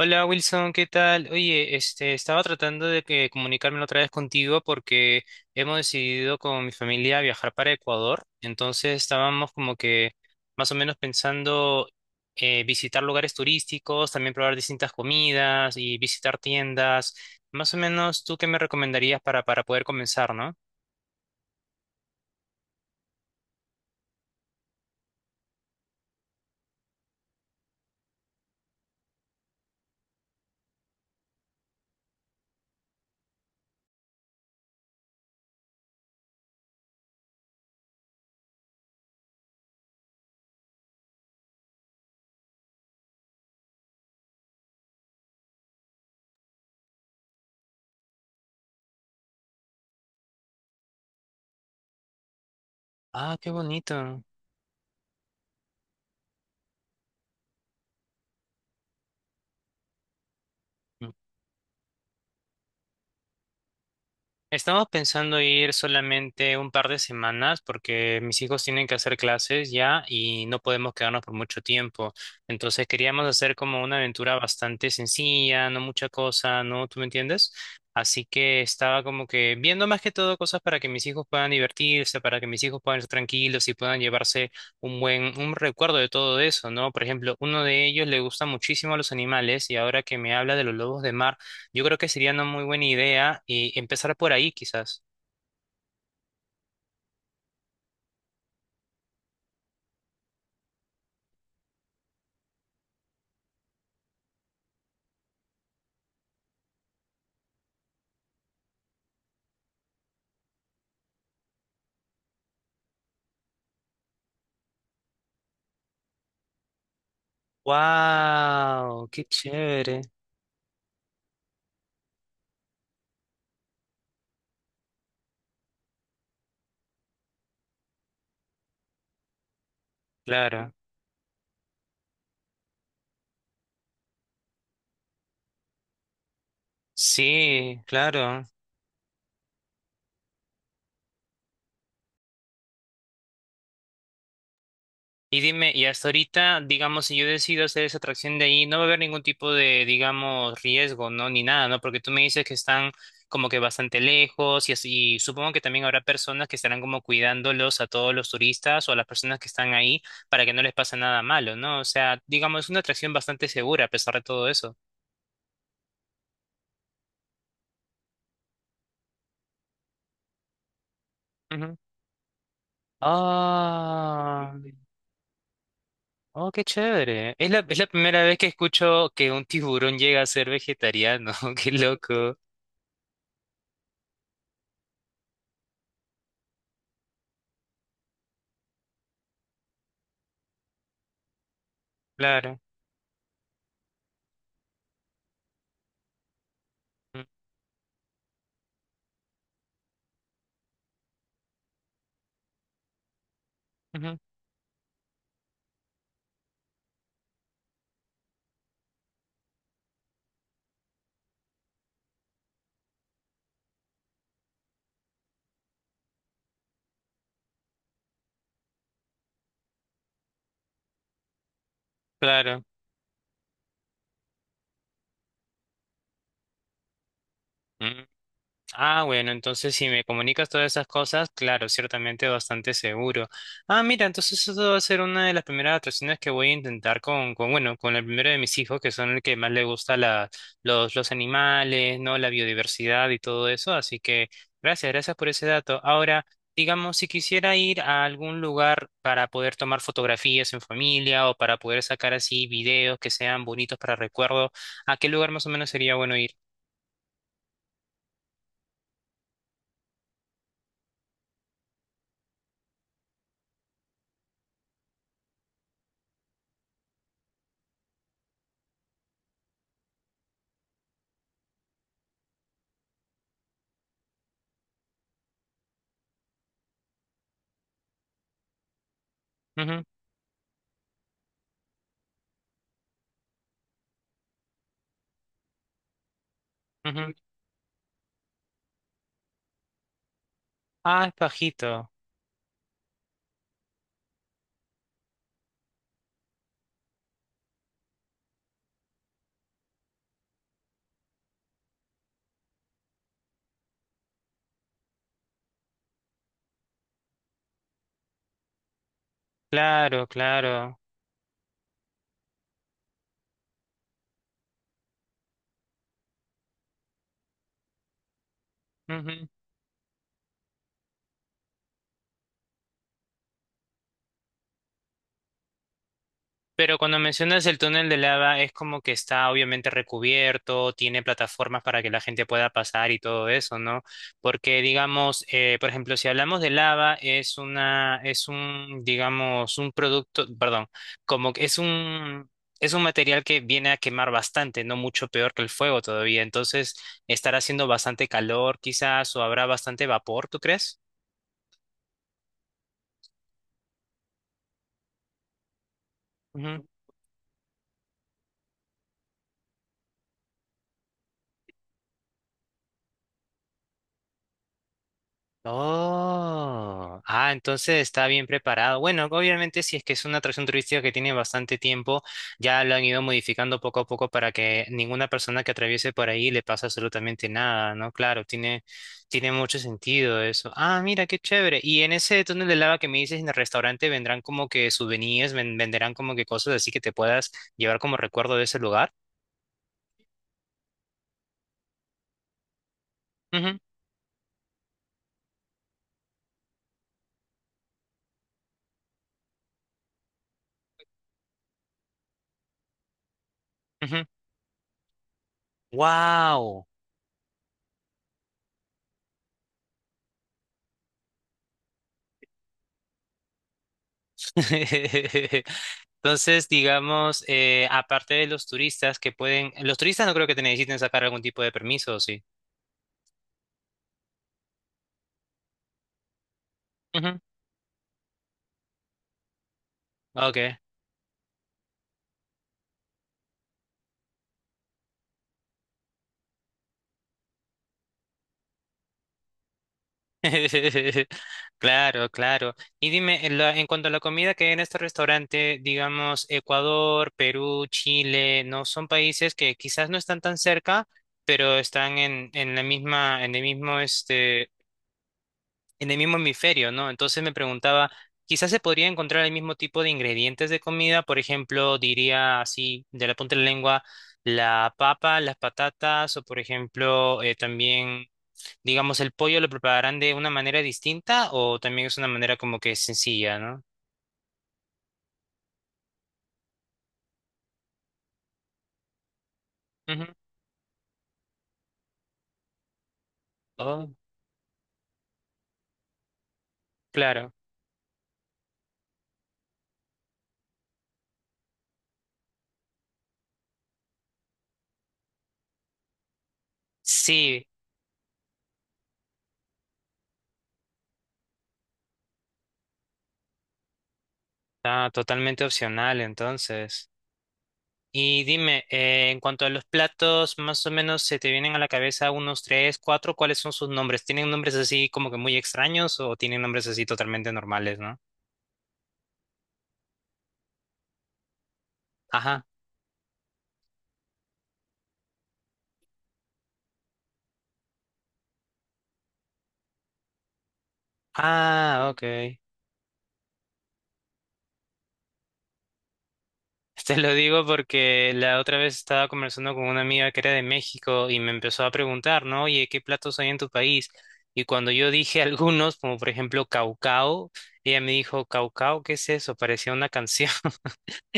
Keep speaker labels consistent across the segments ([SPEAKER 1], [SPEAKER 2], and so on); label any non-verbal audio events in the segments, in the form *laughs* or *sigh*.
[SPEAKER 1] Hola Wilson, ¿qué tal? Oye, este, estaba tratando de que comunicarme otra vez contigo porque hemos decidido con mi familia viajar para Ecuador, entonces estábamos como que más o menos pensando, visitar lugares turísticos, también probar distintas comidas y visitar tiendas. Más o menos, ¿tú qué me recomendarías para poder comenzar, no? Ah, qué bonito. Estamos pensando ir solamente un par de semanas porque mis hijos tienen que hacer clases ya y no podemos quedarnos por mucho tiempo. Entonces queríamos hacer como una aventura bastante sencilla, no mucha cosa, ¿no? ¿Tú me entiendes? Así que estaba como que viendo más que todo cosas para que mis hijos puedan divertirse, para que mis hijos puedan estar tranquilos y puedan llevarse un recuerdo de todo eso, ¿no? Por ejemplo, uno de ellos le gusta muchísimo a los animales y ahora que me habla de los lobos de mar. Yo creo que sería una muy buena idea y empezar por ahí quizás. ¡Wow! ¡Qué chévere! Claro. Sí, claro. Y dime, y hasta ahorita, digamos, si yo decido hacer esa atracción de ahí, no va a haber ningún tipo de, digamos, riesgo, ¿no? Ni nada, ¿no? Porque tú me dices que están como que bastante lejos y así, y supongo que también habrá personas que estarán como cuidándolos a todos los turistas o a las personas que están ahí para que no les pase nada malo, ¿no? O sea, digamos, es una atracción bastante segura a pesar de todo eso. Ah, oh, qué chévere. Es la primera vez que escucho que un tiburón llega a ser vegetariano. *laughs* Qué loco. Claro. Mm, ujú. Claro. Ah, bueno, entonces si me comunicas todas esas cosas, claro, ciertamente bastante seguro. Ah, mira, entonces eso va a ser una de las primeras atracciones que voy a intentar con bueno, con el primero de mis hijos, que son el que más le gusta los animales, ¿no? La biodiversidad y todo eso. Así que gracias por ese dato. Ahora, digamos, si quisiera ir a algún lugar para poder tomar fotografías en familia o para poder sacar así videos que sean bonitos para recuerdo, ¿a qué lugar más o menos sería bueno ir? Ujú, ujú. Ah, es bajito. Claro, claro. Ujú. Pero cuando mencionas el túnel de lava, es como que está obviamente recubierto, tiene plataformas para que la gente pueda pasar y todo eso, ¿no? Porque, digamos, por ejemplo, si hablamos de lava, es un, digamos, un producto, perdón, como que es un material que viene a quemar bastante, no mucho peor que el fuego todavía. Entonces, estará haciendo bastante calor, quizás, o habrá bastante vapor, ¿tú crees? Oh, ah, entonces está bien preparado. Bueno, obviamente si es que es una atracción turística que tiene bastante tiempo, ya lo han ido modificando poco a poco para que ninguna persona que atraviese por ahí le pase absolutamente nada, ¿no? Claro, tiene mucho sentido eso. Ah, mira, qué chévere. Y en ese túnel de lava que me dices en el restaurante vendrán como que souvenirs, venderán como que cosas así que te puedas llevar como recuerdo de ese lugar. Ujú, ujú. Wow. *laughs* Entonces, digamos, aparte de los turistas los turistas no creo que te necesiten sacar algún tipo de permiso, ¿o sí? Ujú, ok. *laughs* Claro, claro. Y dime, en cuanto a la comida que hay en este restaurante, digamos, Ecuador, Perú, Chile, no son países que quizás no están tan cerca, pero están en la misma, en el mismo, este, en el mismo hemisferio, ¿no? Entonces me preguntaba, quizás se podría encontrar el mismo tipo de ingredientes de comida, por ejemplo, diría así, de la punta de la lengua, la papa, las patatas, o por ejemplo, también, digamos, el pollo lo prepararán de una manera distinta o también es una manera como que sencilla, ¿no? Ujú. Oh, claro. Sí, está totalmente opcional entonces. Y dime, en cuanto a los platos, más o menos se te vienen a la cabeza unos tres, cuatro, ¿cuáles son sus nombres? ¿Tienen nombres así como que muy extraños o tienen nombres así totalmente normales, no? Ajá. Ah, ok. *laughs* Te lo digo porque la otra vez estaba conversando con una amiga que era de México y me empezó a preguntar, ¿no? Oye, ¿qué platos hay en tu país? Y cuando yo dije *laughs* algunos, como por ejemplo caucao, ella me dijo, ¿caucao? ¿Qué es eso? Parecía una canción.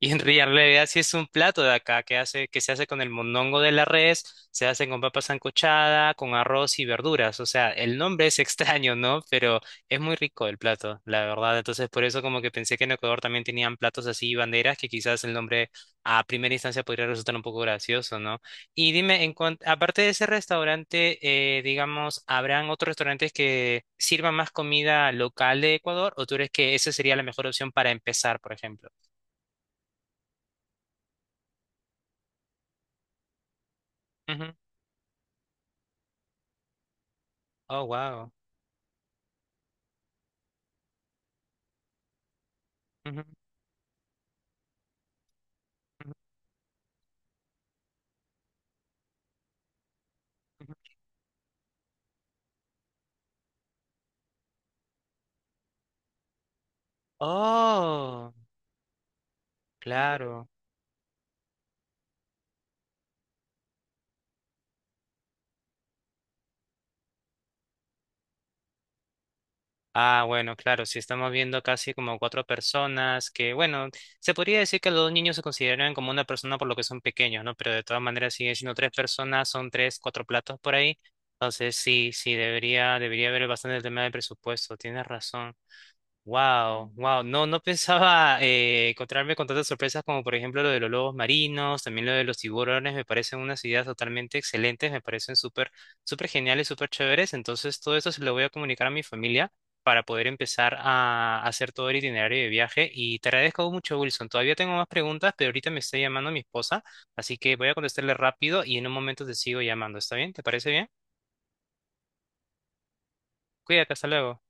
[SPEAKER 1] Y en realidad sí es un plato de acá que se hace con el mondongo de la res, se hace con papa sancochada, con arroz y verduras. O sea, el nombre es *laughs* extraño, ¿no? Pero es muy rico el plato, la verdad. Entonces, por eso como que pensé que en Ecuador también tenían platos así y banderas, que quizás el nombre a primera instancia podría resultar un poco gracioso, ¿no? Y dime, aparte de ese restaurante, digamos, ¿habrán otros restaurantes que sirvan más comida local de Ecuador? ¿O tú crees que esa sería la mejor opción para empezar, por ejemplo? Oh, wow. Oh, claro. Ah, bueno, claro, si estamos viendo casi como cuatro personas que, bueno, se podría decir que los dos niños se consideran como una persona por lo que son pequeños, ¿no? Pero de todas maneras siguen siendo tres personas, son tres, cuatro platos por ahí. Entonces sí, sí, debería haber bastante el tema del presupuesto, tienes razón. Wow, wow, no, no pensaba encontrarme con tantas sorpresas como por ejemplo lo de los lobos marinos, también lo de los tiburones, me parecen unas ideas totalmente excelentes, me parecen súper geniales, súper chéveres, entonces todo eso se lo voy a comunicar a mi familia para poder empezar a hacer todo el itinerario de viaje y te agradezco mucho, Wilson, todavía tengo más preguntas, pero ahorita me está llamando mi esposa, así que voy a contestarle rápido y en un momento te sigo llamando, ¿está bien? ¿Te parece bien? Cuídate, hasta luego.